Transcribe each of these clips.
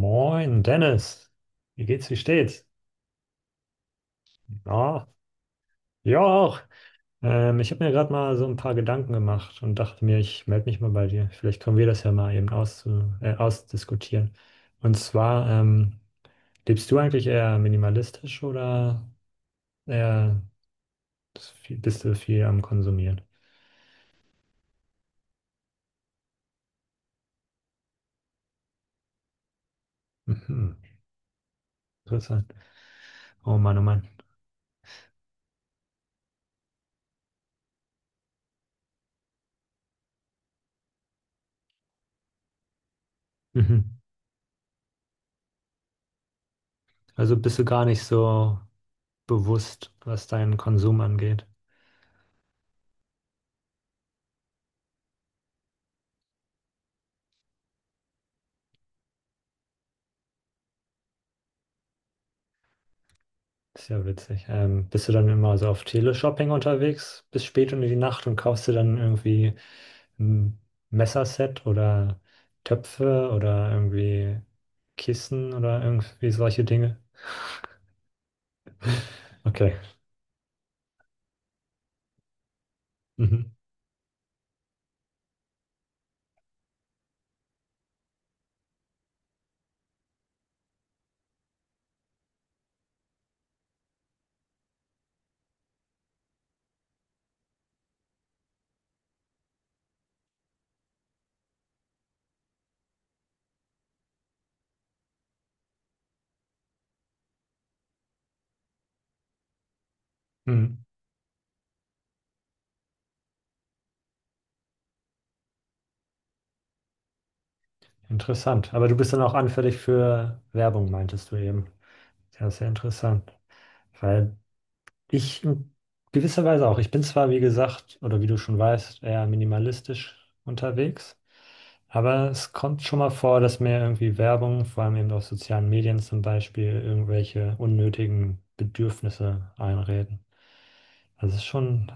Moin, Dennis. Wie geht's, wie steht's? Ja, ja auch. Ich habe mir gerade mal so ein paar Gedanken gemacht und dachte mir, ich melde mich mal bei dir. Vielleicht können wir das ja mal eben auszu ausdiskutieren. Und zwar, lebst du eigentlich eher minimalistisch oder eher bist du viel am Konsumieren? Mhm. Interessant. Oh Mann, oh Mann. Mhm. Also bist du gar nicht so bewusst, was deinen Konsum angeht. Ist ja witzig. Bist du dann immer so auf Teleshopping unterwegs bis spät in die Nacht und kaufst dir dann irgendwie ein Messerset oder Töpfe oder irgendwie Kissen oder irgendwie solche Dinge? Okay. Mhm. Mhm. Interessant. Aber du bist dann auch anfällig für Werbung, meintest du eben. Ja, sehr interessant. Weil ich in gewisser Weise auch. Ich bin zwar, wie gesagt, oder wie du schon weißt, eher minimalistisch unterwegs, aber es kommt schon mal vor, dass mir irgendwie Werbung, vor allem eben auf sozialen Medien zum Beispiel, irgendwelche unnötigen Bedürfnisse einreden. Also es ist schon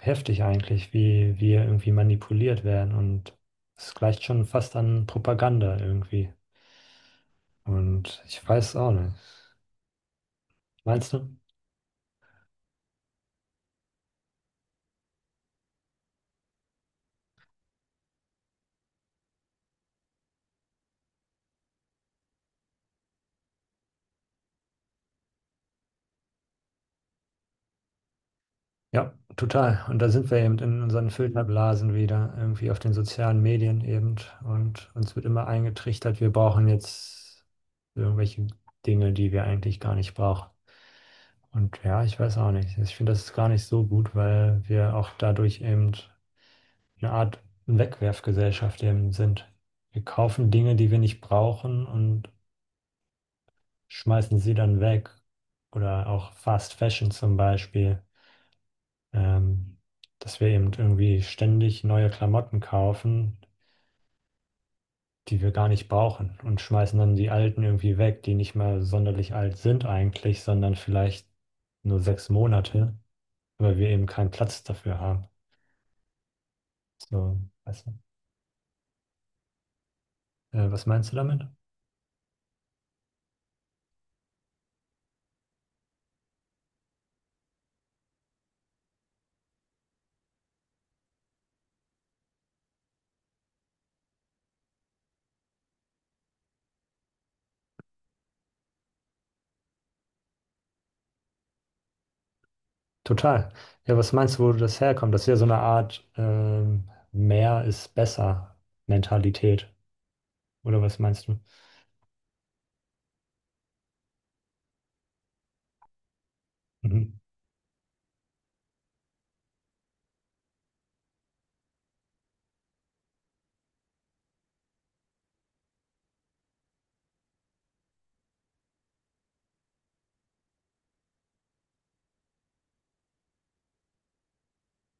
heftig eigentlich, wie wir irgendwie manipuliert werden und es gleicht schon fast an Propaganda irgendwie. Und ich weiß auch nicht. Meinst du? Ja, total. Und da sind wir eben in unseren Filterblasen wieder, irgendwie auf den sozialen Medien eben. Und uns wird immer eingetrichtert, wir brauchen jetzt irgendwelche Dinge, die wir eigentlich gar nicht brauchen. Und ja, ich weiß auch nicht. Ich finde, das ist gar nicht so gut, weil wir auch dadurch eben eine Art Wegwerfgesellschaft eben sind. Wir kaufen Dinge, die wir nicht brauchen und schmeißen sie dann weg. Oder auch Fast Fashion zum Beispiel, ähm, dass wir eben irgendwie ständig neue Klamotten kaufen, die wir gar nicht brauchen und schmeißen dann die alten irgendwie weg, die nicht mal sonderlich alt sind eigentlich, sondern vielleicht nur 6 Monate, weil wir eben keinen Platz dafür haben. So, weißt du? Was meinst du damit? Total. Ja, was meinst du, wo das herkommt? Das ist ja so eine Art, mehr ist besser Mentalität. Oder was meinst du? Mhm.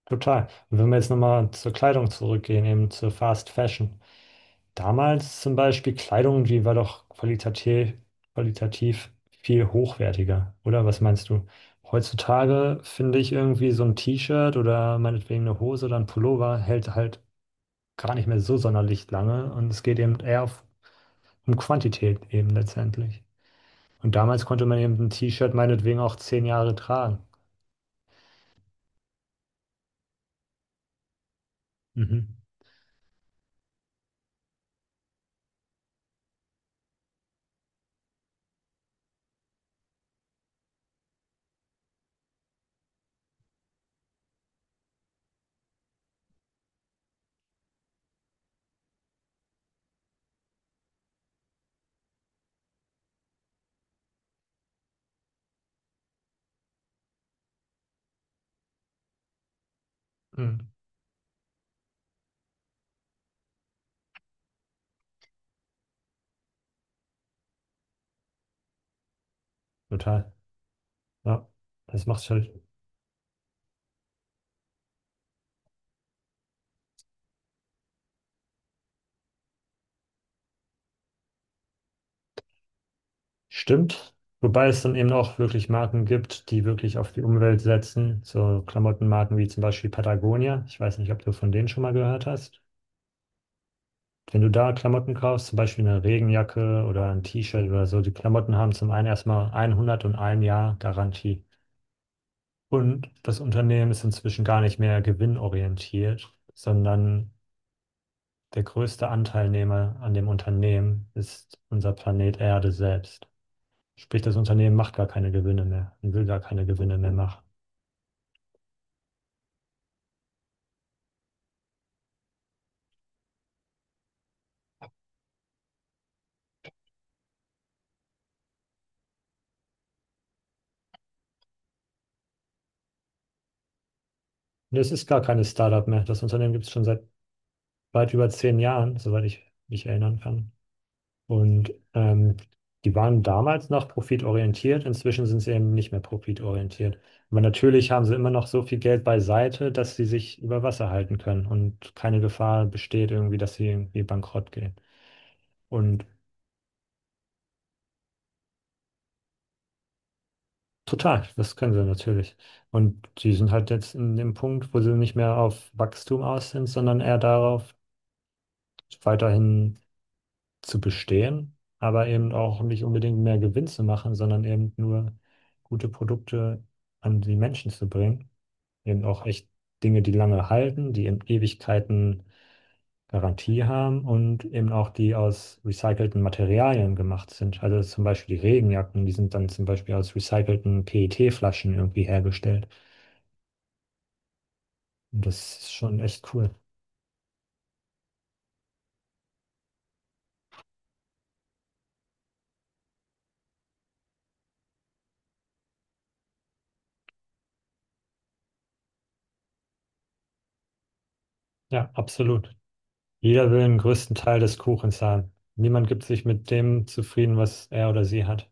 Total. Und wenn wir jetzt nochmal zur Kleidung zurückgehen, eben zur Fast Fashion. Damals zum Beispiel Kleidung, die war doch qualitativ, qualitativ viel hochwertiger, oder? Was meinst du? Heutzutage finde ich irgendwie so ein T-Shirt oder meinetwegen eine Hose oder ein Pullover hält halt gar nicht mehr so sonderlich lange und es geht eben eher auf, um Quantität eben letztendlich. Und damals konnte man eben ein T-Shirt meinetwegen auch 10 Jahre tragen. Mhm. Mhm. Total. Ja, das macht halt. Stimmt. Wobei es dann eben auch wirklich Marken gibt, die wirklich auf die Umwelt setzen. So Klamottenmarken wie zum Beispiel Patagonia. Ich weiß nicht, ob du von denen schon mal gehört hast. Wenn du da Klamotten kaufst, zum Beispiel eine Regenjacke oder ein T-Shirt oder so, die Klamotten haben zum einen erstmal 101 Jahr Garantie. Und das Unternehmen ist inzwischen gar nicht mehr gewinnorientiert, sondern der größte Anteilnehmer an dem Unternehmen ist unser Planet Erde selbst. Sprich, das Unternehmen macht gar keine Gewinne mehr und will gar keine Gewinne mehr machen. Und es ist gar keine Startup mehr. Das Unternehmen gibt es schon seit weit über 10 Jahren, soweit ich mich erinnern kann. Und die waren damals noch profitorientiert, inzwischen sind sie eben nicht mehr profitorientiert. Aber natürlich haben sie immer noch so viel Geld beiseite, dass sie sich über Wasser halten können und keine Gefahr besteht irgendwie, dass sie irgendwie bankrott gehen. Und total, das können sie natürlich. Und die sind halt jetzt in dem Punkt, wo sie nicht mehr auf Wachstum aus sind, sondern eher darauf, weiterhin zu bestehen, aber eben auch nicht unbedingt mehr Gewinn zu machen, sondern eben nur gute Produkte an die Menschen zu bringen. Eben auch echt Dinge, die lange halten, die eben Ewigkeiten Garantie haben und eben auch die aus recycelten Materialien gemacht sind. Also zum Beispiel die Regenjacken, die sind dann zum Beispiel aus recycelten PET-Flaschen irgendwie hergestellt. Und das ist schon echt cool. Ja, absolut. Jeder will den größten Teil des Kuchens haben. Niemand gibt sich mit dem zufrieden, was er oder sie hat.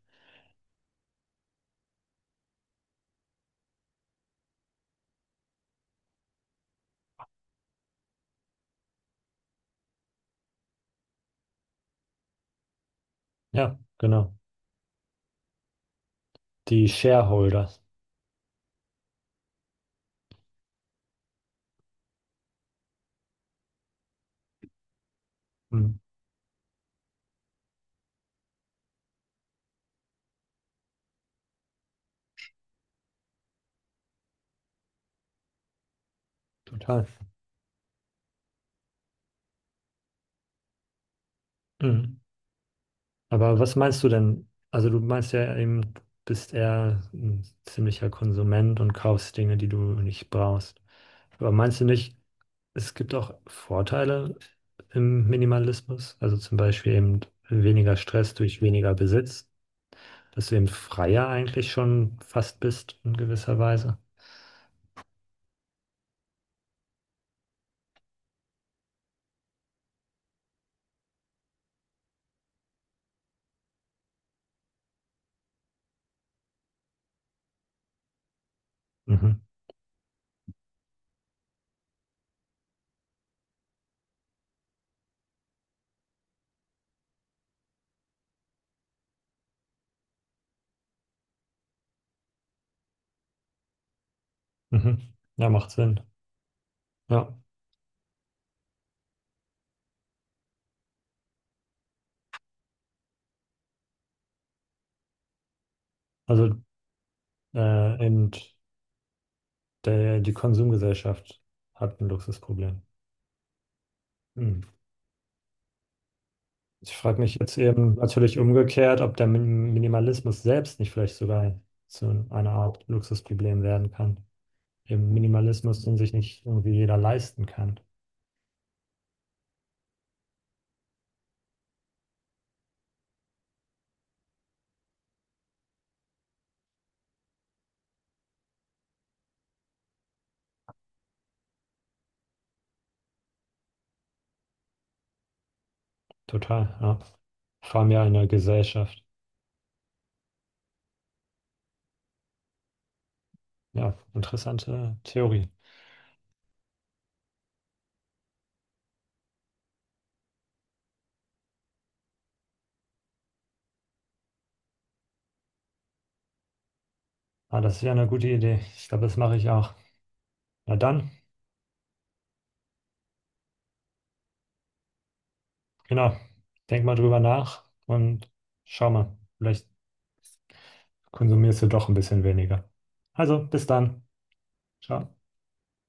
Ja, genau. Die Shareholder. Mhm, total. Mhm. Aber was meinst du denn? Also du meinst ja eben, bist eher ein ziemlicher Konsument und kaufst Dinge, die du nicht brauchst. Aber meinst du nicht, es gibt auch Vorteile im Minimalismus? Also zum Beispiel eben weniger Stress durch weniger Besitz, dass du eben freier eigentlich schon fast bist in gewisser Weise. Mhm. Mhm. Ja, macht Sinn. Ja, also eben der, die Konsumgesellschaft hat ein Luxusproblem. Hm. Ich frage mich jetzt eben natürlich umgekehrt, ob der Minimalismus selbst nicht vielleicht sogar zu einer Art Luxusproblem werden kann. Eben Minimalismus, den sich nicht irgendwie jeder leisten kann. Total, ja. Vor allem ja in der Gesellschaft. Ja, interessante Theorie. Ah, das ist ja eine gute Idee. Ich glaube, das mache ich auch. Na dann, genau. Denk mal drüber nach und schau mal. Vielleicht konsumierst du doch ein bisschen weniger. Also, bis dann. Ciao.